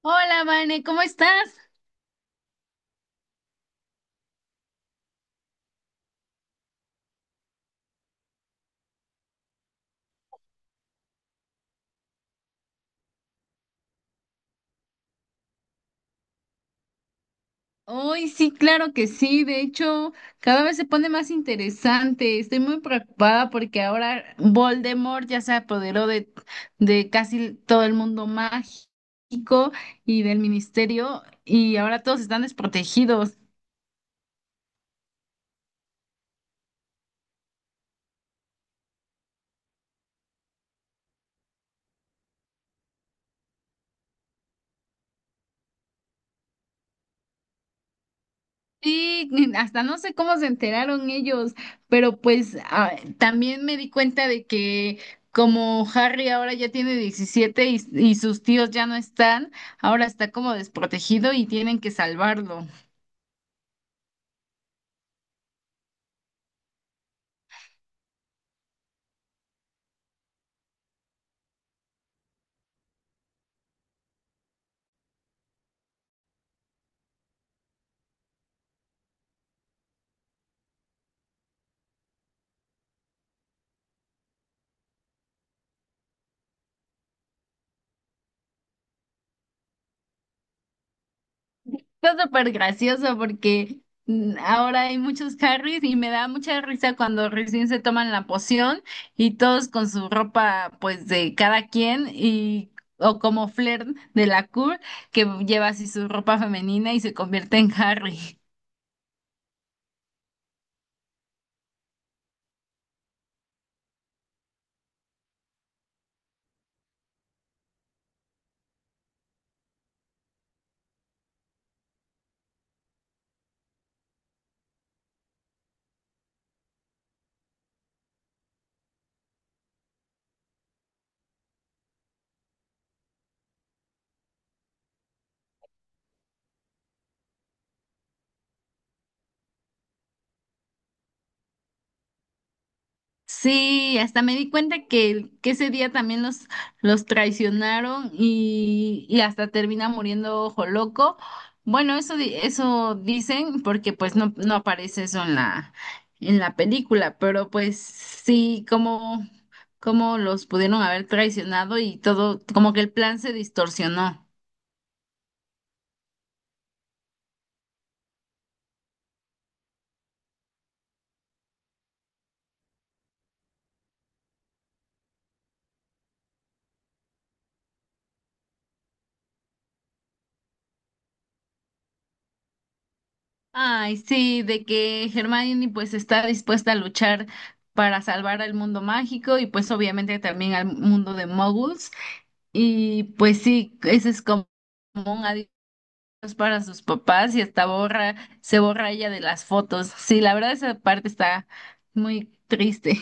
Hola, Vane, ¿cómo estás? Hoy sí, claro que sí. De hecho, cada vez se pone más interesante. Estoy muy preocupada porque ahora Voldemort ya se apoderó de casi todo el mundo mágico y del ministerio y ahora todos están desprotegidos. Sí, hasta no sé cómo se enteraron ellos, pero pues también me di cuenta de que como Harry ahora ya tiene 17 y sus tíos ya no están, ahora está como desprotegido y tienen que salvarlo. Está súper gracioso porque ahora hay muchos Harrys y me da mucha risa cuando recién se toman la poción y todos con su ropa pues de cada quien y o como Flair de la Cour que lleva así su ropa femenina y se convierte en Harry. Sí, hasta me di cuenta que ese día también los traicionaron y hasta termina muriendo Ojo Loco. Bueno, eso, eso dicen porque pues no aparece eso en en la película, pero pues sí, como, como los pudieron haber traicionado y todo, como que el plan se distorsionó. Ay, sí, de que Hermione pues está dispuesta a luchar para salvar al mundo mágico y pues obviamente también al mundo de Muggles. Y pues sí, ese es como un adiós para sus papás y hasta borra, se borra ella de las fotos. Sí, la verdad esa parte está muy triste.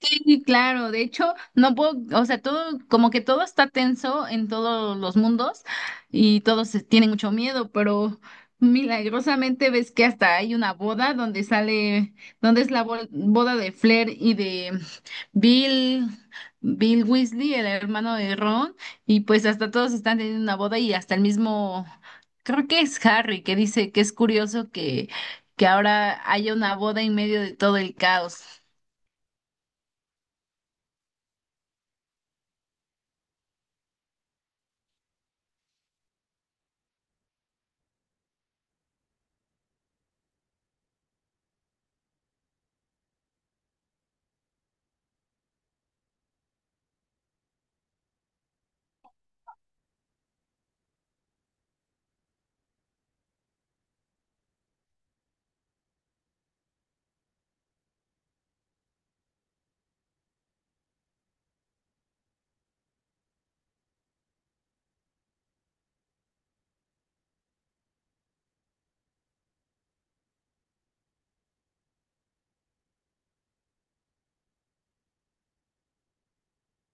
Sí, claro, de hecho, no puedo, o sea, todo, como que todo está tenso en todos los mundos y todos tienen mucho miedo, pero milagrosamente ves que hasta hay una boda donde sale, donde es la boda de Flair y de Bill, Bill Weasley, el hermano de Ron, y pues hasta todos están teniendo una boda y hasta el mismo, creo que es Harry, que dice que es curioso que ahora haya una boda en medio de todo el caos.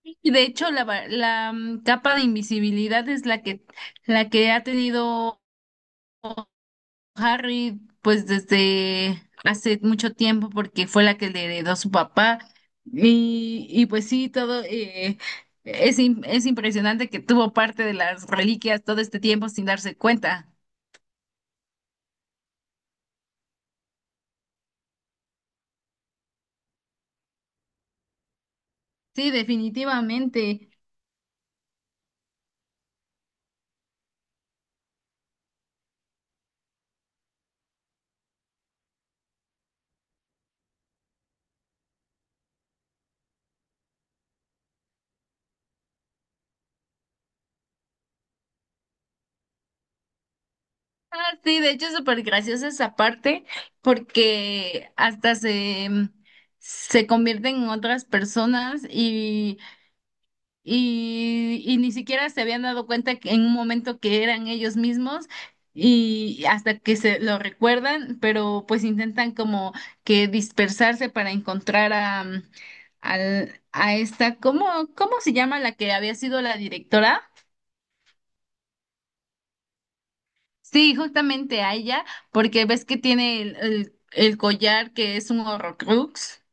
Y de hecho, la capa de invisibilidad es la que ha tenido Harry, pues desde hace mucho tiempo, porque fue la que le heredó su papá. Y pues sí, todo es, es impresionante que tuvo parte de las reliquias todo este tiempo sin darse cuenta. Sí, definitivamente. Ah, sí, de hecho es súper graciosa esa parte, porque hasta se convierten en otras personas y ni siquiera se habían dado cuenta que en un momento que eran ellos mismos y hasta que se lo recuerdan, pero pues intentan como que dispersarse para encontrar a esta, ¿cómo, cómo se llama la que había sido la directora? Sí, justamente a ella, porque ves que tiene el collar que es un Horrocrux.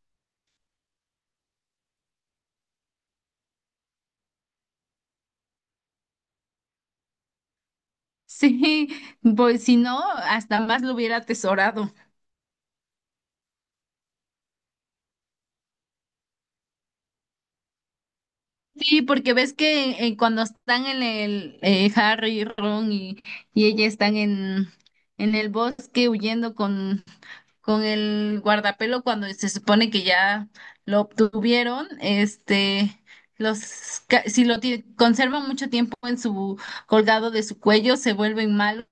Sí, pues si no, hasta más lo hubiera atesorado. Sí, porque ves que cuando están en el Harry y Ron y ella están en el bosque huyendo con el guardapelo cuando se supone que ya lo obtuvieron, este, los si lo conservan mucho tiempo en su colgado de su cuello, se vuelven malos.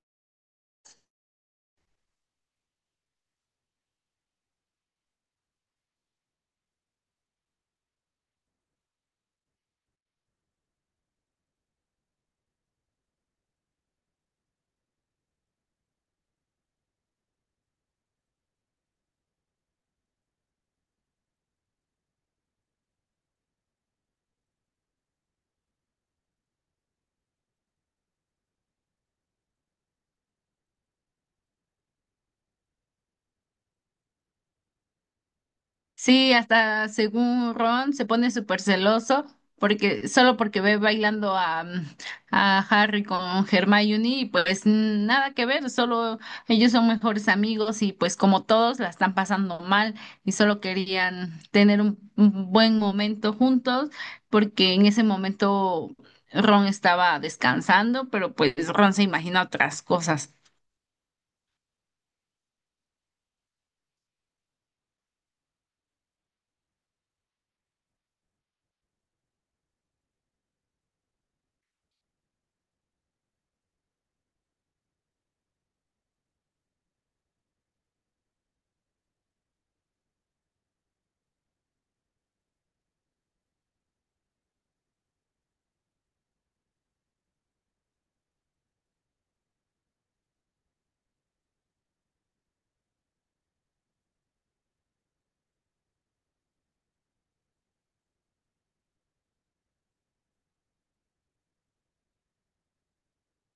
Sí, hasta según Ron se pone súper celoso porque solo porque ve bailando a Harry con Hermione y pues nada que ver, solo ellos son mejores amigos y pues como todos la están pasando mal y solo querían tener un buen momento juntos porque en ese momento Ron estaba descansando, pero pues Ron se imagina otras cosas.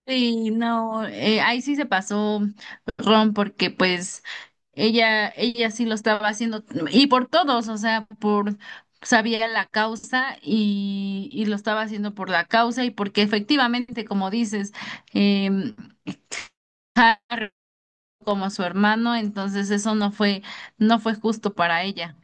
Sí, no, ahí sí se pasó Ron porque pues ella sí lo estaba haciendo y por todos, o sea, por sabía la causa y lo estaba haciendo por la causa y porque efectivamente, como dices, em, como su hermano, entonces eso no fue, no fue justo para ella.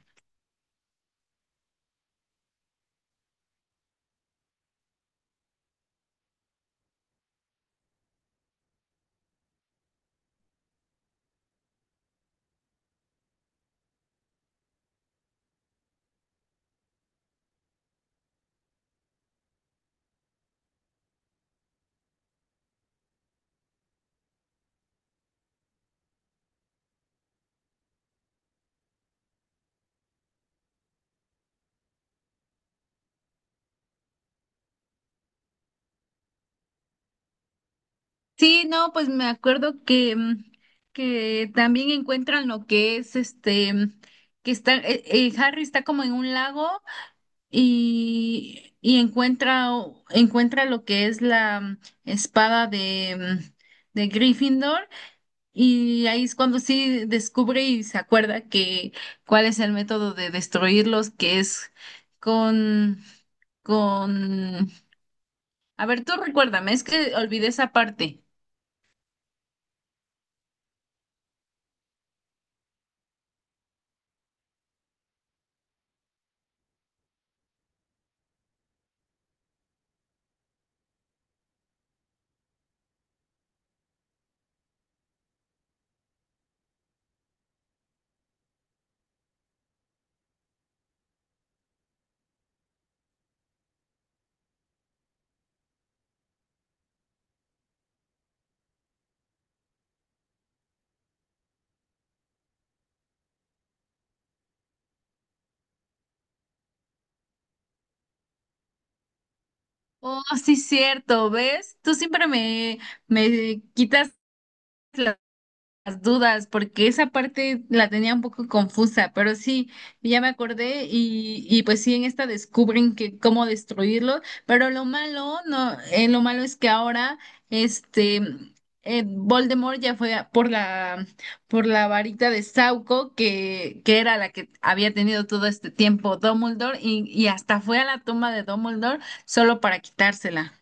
Sí, no, pues me acuerdo que que también encuentran lo que es este, que está, Harry está como en un lago y encuentra, encuentra lo que es la espada de, mm, de Gryffindor y ahí es cuando sí descubre y se acuerda que cuál es el método de destruirlos, que es con, con... A ver, tú recuérdame, es que olvidé esa parte. Oh, sí, cierto, ¿ves? Tú siempre me, me quitas las dudas, porque esa parte la tenía un poco confusa, pero sí, ya me acordé y pues sí, en esta descubren que cómo destruirlo, pero lo malo, no, lo malo es que ahora, este, Voldemort ya por la varita de Sauco, que era la que había tenido todo este tiempo Dumbledore, y hasta fue a la tumba de Dumbledore solo para quitársela.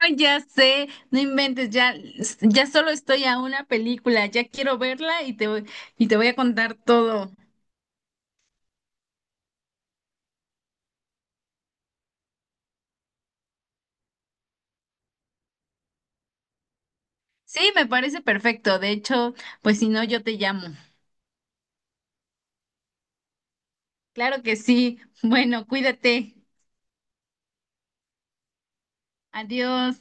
Ay, ya sé, no inventes, ya, ya solo estoy a una película, ya quiero verla y te voy a contar todo. Sí, me parece perfecto, de hecho, pues si no, yo te llamo. Claro que sí, bueno, cuídate, adiós.